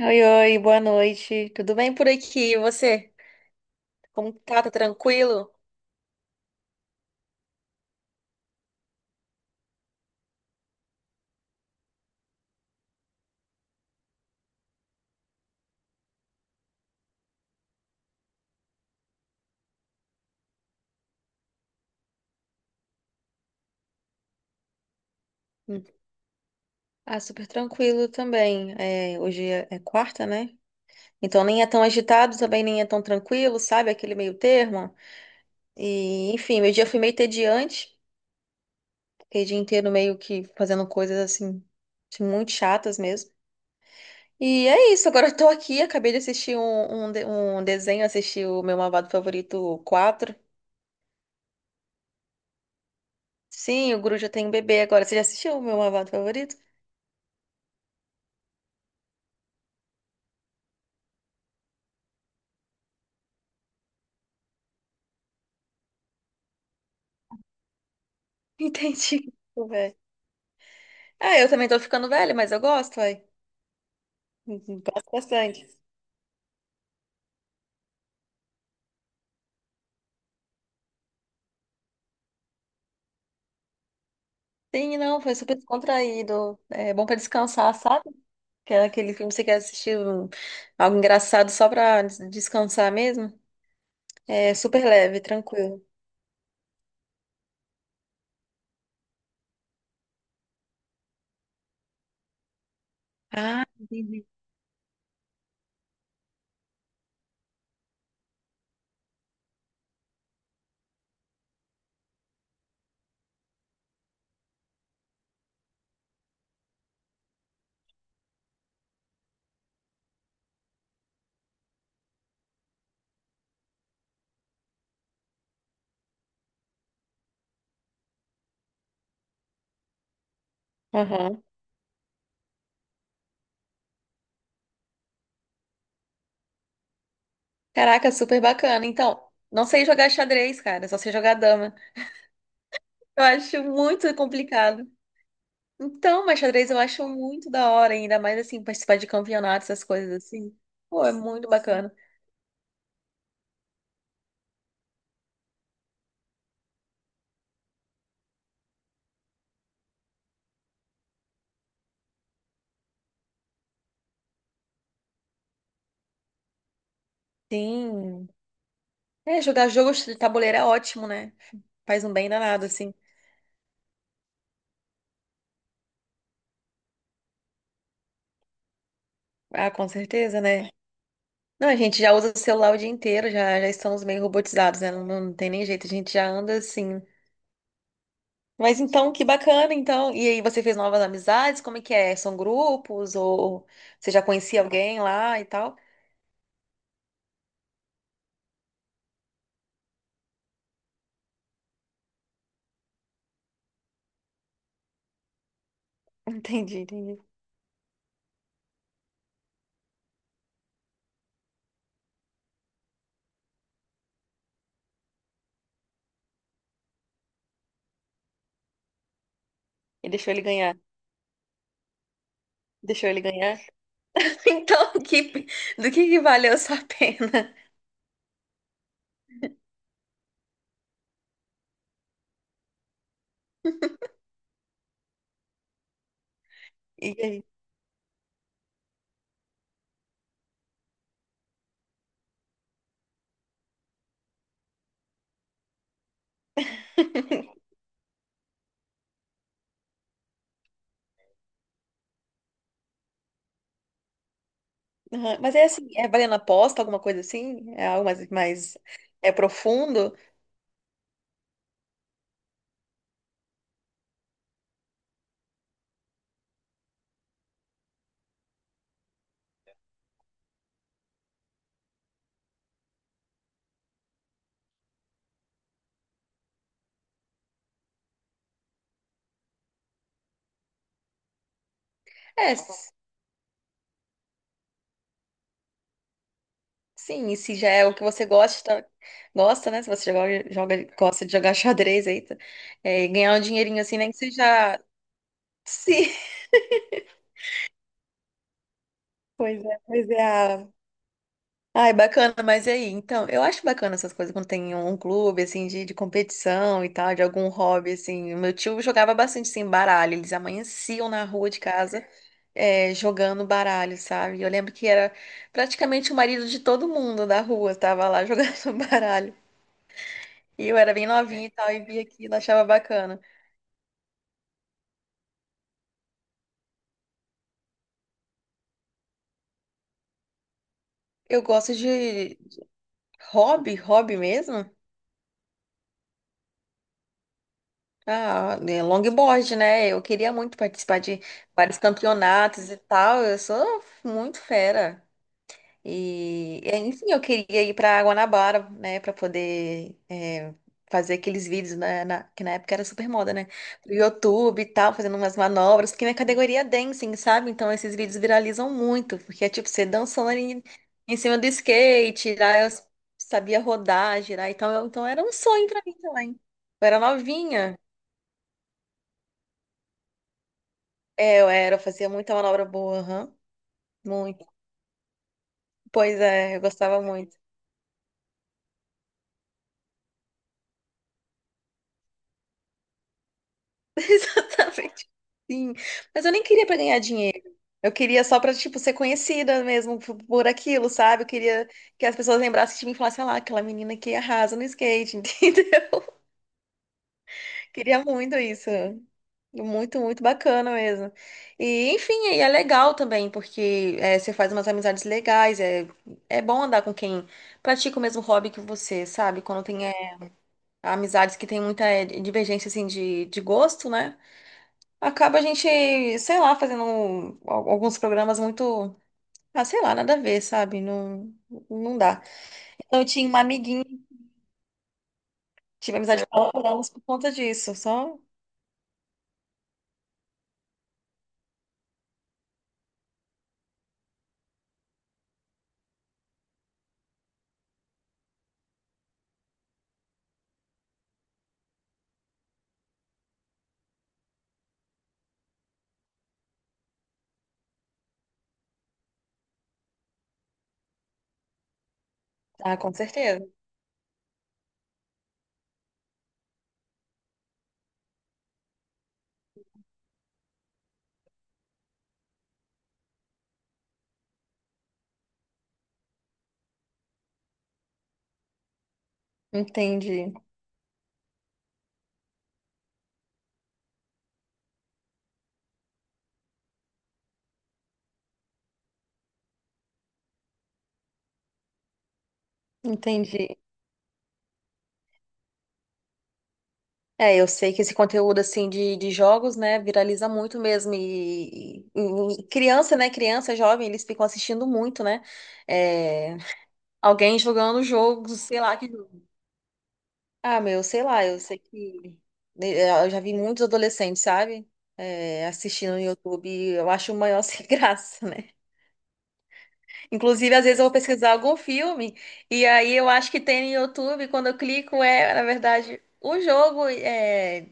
Oi, oi, boa noite. Tudo bem por aqui? E você? Como tá? Tá tranquilo? Hum. Ah, super tranquilo também. É, hoje é quarta, né? Então nem é tão agitado, também nem é tão tranquilo, sabe? Aquele meio termo. E, enfim, meu dia foi meio entediante. Fiquei o dia inteiro meio que fazendo coisas assim, muito chatas mesmo. E é isso, agora eu tô aqui, acabei de assistir um desenho, assisti o Meu Malvado Favorito 4. Sim, o Guru já tem um bebê agora. Você já assistiu o Meu Malvado Favorito? Entendi. Velho. Ah, eu também tô ficando velha, mas eu gosto, ué. Uhum, gosto bastante. Sim, não, foi super descontraído. É bom pra descansar, sabe? Que é aquele filme que você quer assistir algo engraçado só pra descansar mesmo. É super leve, tranquilo. Ah, entendi. Aham. Caraca, super bacana. Então, não sei jogar xadrez, cara, só sei jogar dama. Eu acho muito complicado. Então, mas xadrez eu acho muito da hora, ainda mais assim, participar de campeonatos, essas coisas assim. Pô, é muito bacana. Sim. É, jogar jogos de tabuleiro é ótimo, né? Faz um bem danado, assim. Ah, com certeza, né? Não, a gente já usa o celular o dia inteiro, já estamos meio robotizados, né? Não, não tem nem jeito, a gente já anda assim. Mas então, que bacana, então. E aí, você fez novas amizades? Como é que é? São grupos? Ou você já conhecia alguém lá e tal? Entendi, entendi. E deixou ele ganhar. Deixou ele ganhar. Então, que, do que valeu a sua pena? E aí? Aham, mas é assim, é valendo aposta, alguma coisa assim? É algo mais, mais é profundo? É, sim, e se já é o que você gosta, gosta, né? Se você gosta de jogar xadrez aí, tá? É, e ganhar um dinheirinho assim, nem que seja. Sim, pois é, pois é. Ah, ai, bacana, mas e aí? Então, eu acho bacana essas coisas quando tem um clube, assim, de competição e tal, de algum hobby, assim. O meu tio jogava bastante, assim, baralho. Eles amanheciam na rua de casa. É, jogando baralho, sabe? Eu lembro que era praticamente o marido de todo mundo da rua, tava lá jogando baralho. E eu era bem novinha e tal, e via aquilo, achava bacana. Eu gosto de hobby, hobby mesmo. Ah, né, longboard, né? Eu queria muito participar de vários campeonatos e tal. Eu sou muito fera. E, enfim, eu queria ir para Guanabara, né, para poder fazer aqueles vídeos que na época era super moda, né? Pro YouTube e tal, fazendo umas manobras, porque minha categoria é dancing, sabe? Então esses vídeos viralizam muito, porque é tipo você dançando em cima do skate, lá eu sabia rodar, girar, então, então era um sonho para mim também. Eu era novinha, eu fazia muita manobra boa, aham, muito. Pois é, eu gostava muito. Exatamente. Sim. Mas eu nem queria pra ganhar dinheiro. Eu queria só pra, tipo, ser conhecida mesmo por aquilo, sabe? Eu queria que as pessoas lembrassem de mim e falassem, ah lá, aquela menina que arrasa no skate, entendeu? Queria muito isso. Muito, muito bacana mesmo. E, enfim, e é legal também, porque você faz umas amizades legais. É, é bom andar com quem pratica o mesmo hobby que você, sabe? Quando tem amizades que tem muita divergência, assim, de gosto, né? Acaba a gente, sei lá, fazendo alguns programas muito, ah, sei lá, nada a ver, sabe? Não, não dá. Então, eu tinha uma amiguinha, tive amizade com ela por anos por conta disso, só. Ah, com certeza. Entendi, entendi. É, eu sei que esse conteúdo, assim, de jogos, né, viraliza muito mesmo. E criança, né, criança, jovem, eles ficam assistindo muito, né? É, alguém jogando jogos, sei lá, que ah, meu, sei lá, eu sei que eu já vi muitos adolescentes, sabe? Assistindo no YouTube, eu acho o maior sem graça, né? Inclusive, às vezes eu vou pesquisar algum filme e aí eu acho que tem no YouTube, quando eu clico, na verdade, o jogo é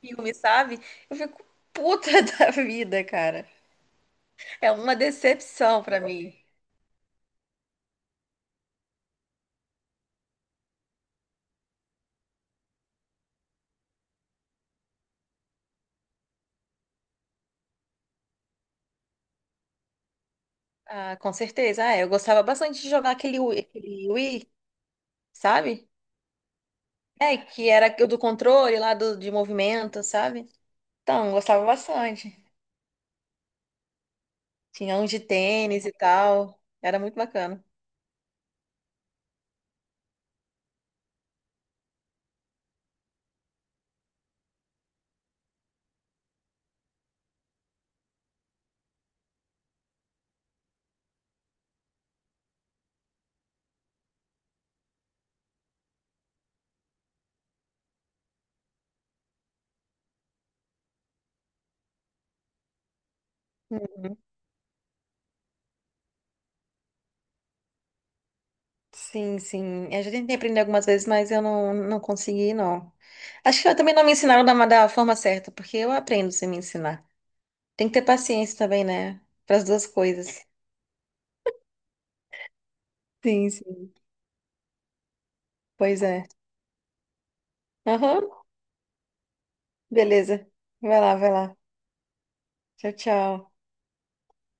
filme, sabe? Eu fico puta da vida, cara. É uma decepção pra mim. Ah, com certeza. Ah, é, eu gostava bastante de jogar aquele Wii, sabe? É, que era o do controle lá do, de movimento, sabe? Então, gostava bastante. Tinha um de tênis e tal. Era muito bacana. Hum, Sim, sim. Eu já tentei aprender algumas vezes, mas eu não consegui, não. Acho que eu também não me ensinaram da forma certa, porque eu aprendo sem me ensinar. Tem que ter paciência também, né? Para as duas coisas. Sim, sim. Pois é. Aham. Beleza. Vai lá, vai lá. Tchau, tchau.